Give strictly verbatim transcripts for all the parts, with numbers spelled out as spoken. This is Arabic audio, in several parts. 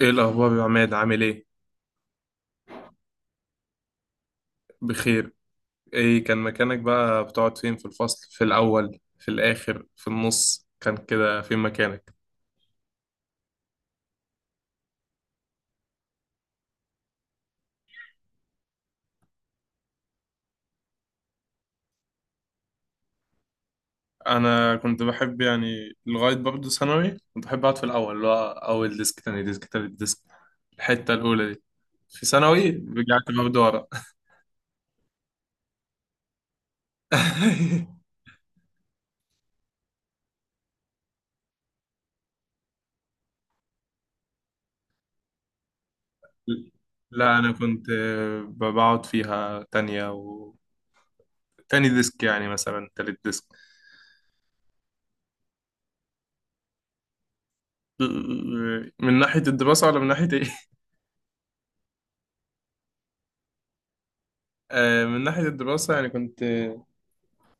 ايه الاخبار يا عماد؟ عامل ايه؟ بخير. ايه كان مكانك بقى؟ بتقعد فين في الفصل، في الاول، في الاخر، في النص؟ كان كده فين مكانك؟ انا كنت بحب يعني لغايه برضه ثانوي كنت بحب اقعد في الاول، اللي هو اول ديسك، تاني ديسك، تالت ديسك، الحته الاولى دي. في ثانوي رجعت برضه ورا. لا انا كنت بقعد فيها تانية و تاني ديسك، يعني مثلا تالت ديسك. من ناحية الدراسة ولا من ناحية إيه؟ آه، من ناحية الدراسة يعني كنت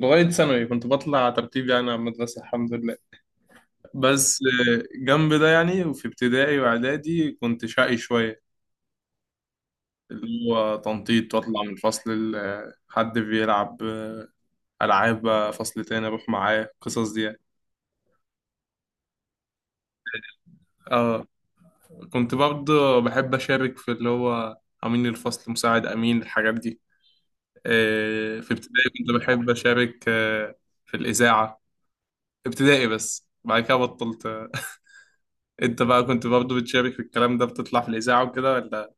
لغاية ثانوي كنت بطلع ترتيب يعني على المدرسة، الحمد لله. بس آه، جنب ده يعني وفي ابتدائي وإعدادي كنت شقي شوية، اللي هو تنطيط وأطلع من فصل ل- حد بيلعب آه، ألعاب، بقى فصل تاني أروح معاه، القصص دي يعني. اه، كنت برضه بحب أشارك في اللي هو أمين الفصل، مساعد أمين، الحاجات دي. آه، في ابتدائي كنت بحب أشارك آه، في الإذاعة. ابتدائي بس، بعد كده بطلت. انت بقى كنت برضه بتشارك في الكلام ده، بتطلع في الاذاعه وكده ولا؟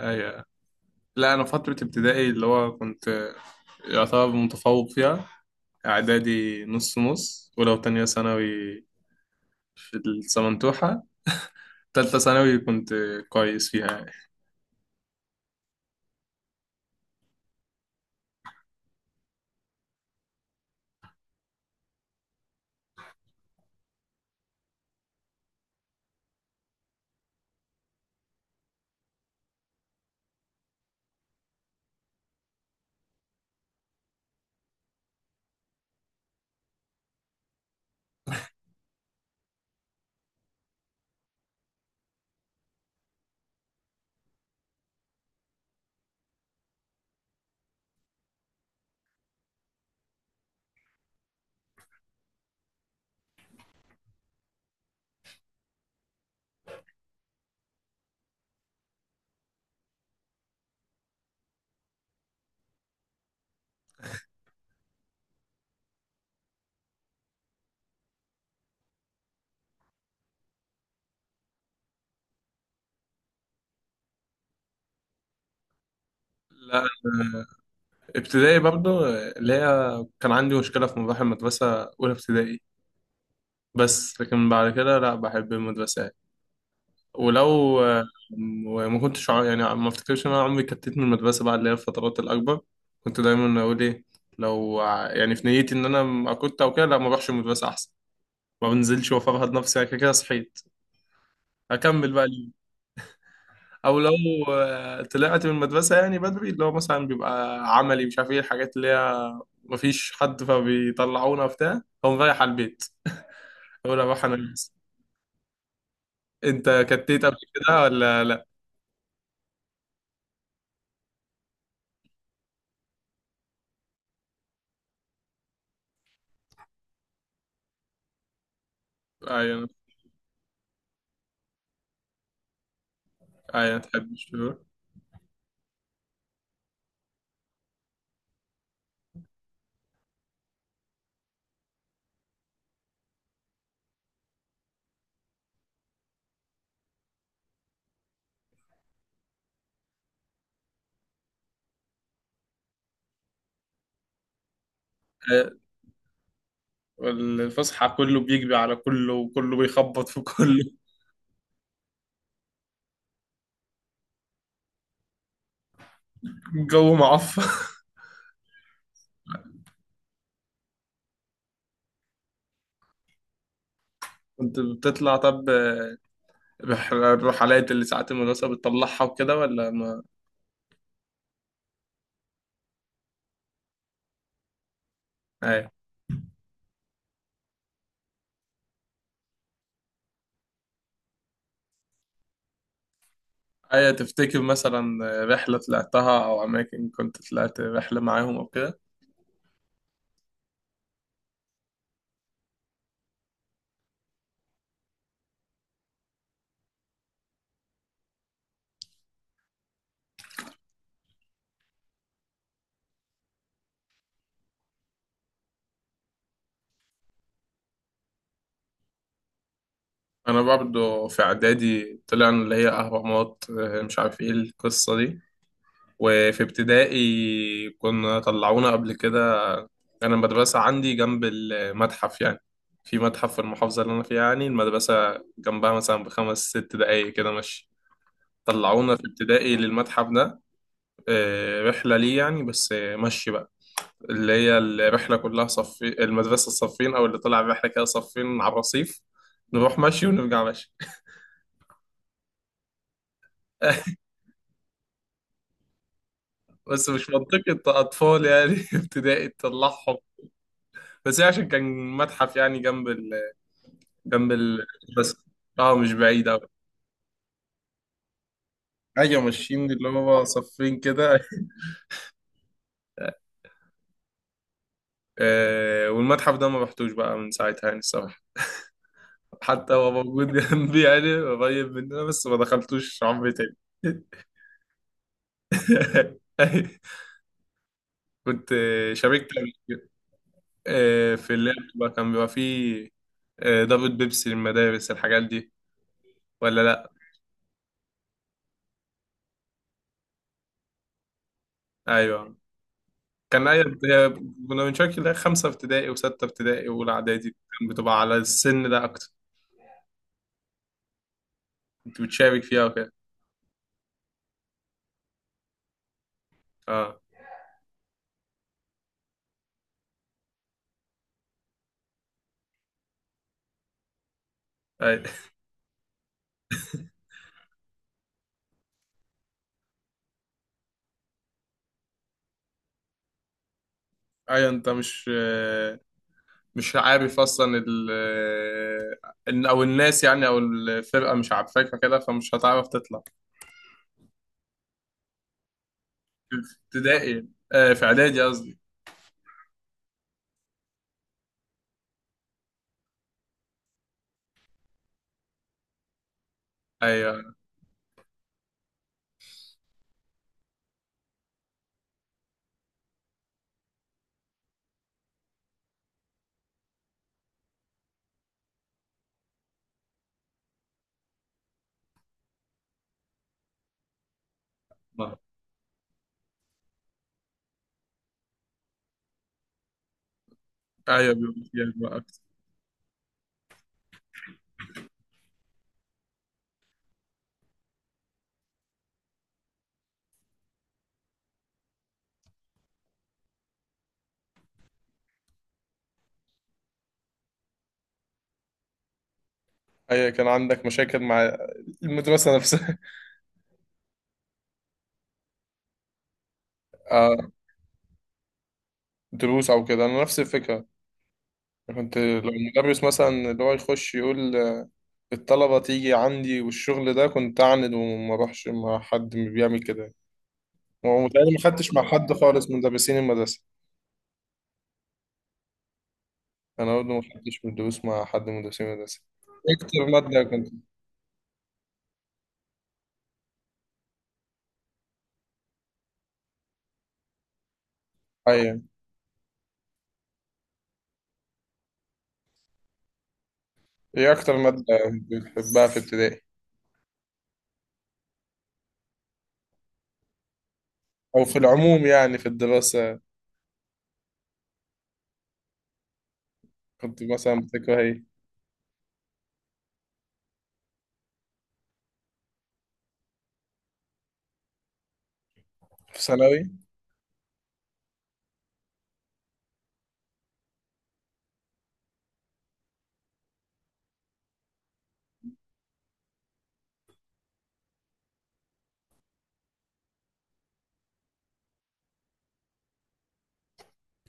ايوه. لا انا فتره ابتدائي اللي هو كنت يعتبر متفوق فيها، اعدادي نص نص، ولو تانية ثانوي في السمنتوحه، تالتة ثانوي كنت كويس فيها يعني. لا أنا ابتدائي برضه اللي هي كان عندي مشكله في مراحل المدرسه، اولى ابتدائي، بس لكن بعد كده لا بحب المدرسه. ولو وما كنتش ع- يعني ما افتكرش ان انا عمري كتيت من المدرسه بقى، اللي هي الفترات الاكبر كنت دايما اقول ايه، لو ع- يعني في نيتي ان انا ما كنت او كده لا ما اروحش المدرسه احسن، ما بنزلش وافرهد نفسي، يعني كده كده صحيت، اكمل بقى اليوم. او لو آه، طلعت من المدرسه يعني بدري، اللي هو مثلا بيبقى عملي مش عارف ايه الحاجات اللي هي، ما فيش حد فبيطلعونا وبتاع، فقوم رايح على البيت، اقول اروح انا. انت كتيت قبل كده ولا لا؟ ايوه ايوه. ما تحبش تروح؟ الفسحة كله بيجري على كله وكله بيخبط في كله. الجو معفن. كنت بتطلع طب، بح- الرحلات اللي ساعات المدرسة بتطلعها وكده ولا ما؟ أيوة. أيوة، تفتكر مثلا رحلة طلعتها أو أماكن كنت طلعت رحلة معاهم أو كده؟ أنا برضه في إعدادي طلعنا اللي هي أهرامات، مش عارف إيه القصة دي. وفي ابتدائي كنا طلعونا قبل كده، انا المدرسه عندي جنب المتحف يعني، في متحف في المحافظه اللي انا فيها، يعني المدرسه جنبها مثلا بخمس ست دقايق كده مشي، طلعونا في ابتدائي للمتحف ده. آه، رحله ليه يعني؟ بس آه، مشي بقى، اللي هي الرحله كلها صف المدرسه، الصفين او اللي طلع الرحله كده صفين على الرصيف، نروح مشي ونرجع مشي. بس مش منطقة أطفال يعني، ابتدائي تطلعهم. بس هي عشان كان متحف يعني، جنب ال جنب ال بس. اه مش بعيد أوي. ايوه، ماشيين اللي هو صفين كده. آه، والمتحف ده ما رحتوش بقى من ساعتها يعني الصراحه، حتى هو موجود جنبي يعني قريب مننا، بس ما دخلتوش عمري تاني. كنت آه، شاركت قبل كده، آه في اللعب بقى كان بيبقى فيه آه ضربة بيبسي للمدارس، الحاجات دي، ولا لا؟ ايوه كان اي. كنا بنشارك اللي هي خمسه ابتدائي وسته ابتدائي واولى اعدادي، كان بتبقى على السن ده اكتر. كنت بتشارك فيها وكده؟ اه. أيوة. ايوه، انت مش مش عارف اصلا ال إن- او الناس يعني او الفرقه مش عارفاك، فكده فمش هتعرف تطلع. في ابتدائي آه، في اعدادي قصدي. ايوه ايوه، بيبقى فيها بقى أكتر. ايوه، كان عندك مشاكل مع المدرسه نفسها. اه، دروس او كده انا نفس الفكره، كنت لو المدرس مثلا اللي هو يخش يقول آه، الطلبه تيجي عندي والشغل ده، كنت اعند وما اروحش مع حد بيعمل كده، ومتهيألي ما خدتش مع حد خالص من مدرسين المدرسه. انا برضه ما خدتش مدروس مع حد من مدرسين المدرسه. إيه اكتر ماده كنت؟ ايوه، ايه اكتر ماده كنت بتحبها في ابتدائي او في العموم يعني في الدراسه؟ كنت مثلا بتكره ايه؟ في ثانوي.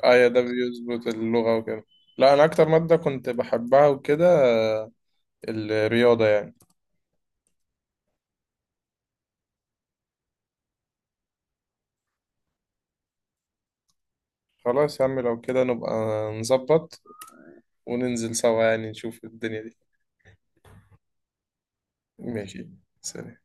ايوه ده بيظبط اللغه وكده. لا انا اكتر ماده كنت بحبها وكده آه، الرياضه يعني. خلاص يا عم، لو كده نبقى نظبط وننزل سوا يعني، نشوف الدنيا دي. ماشي. سلام.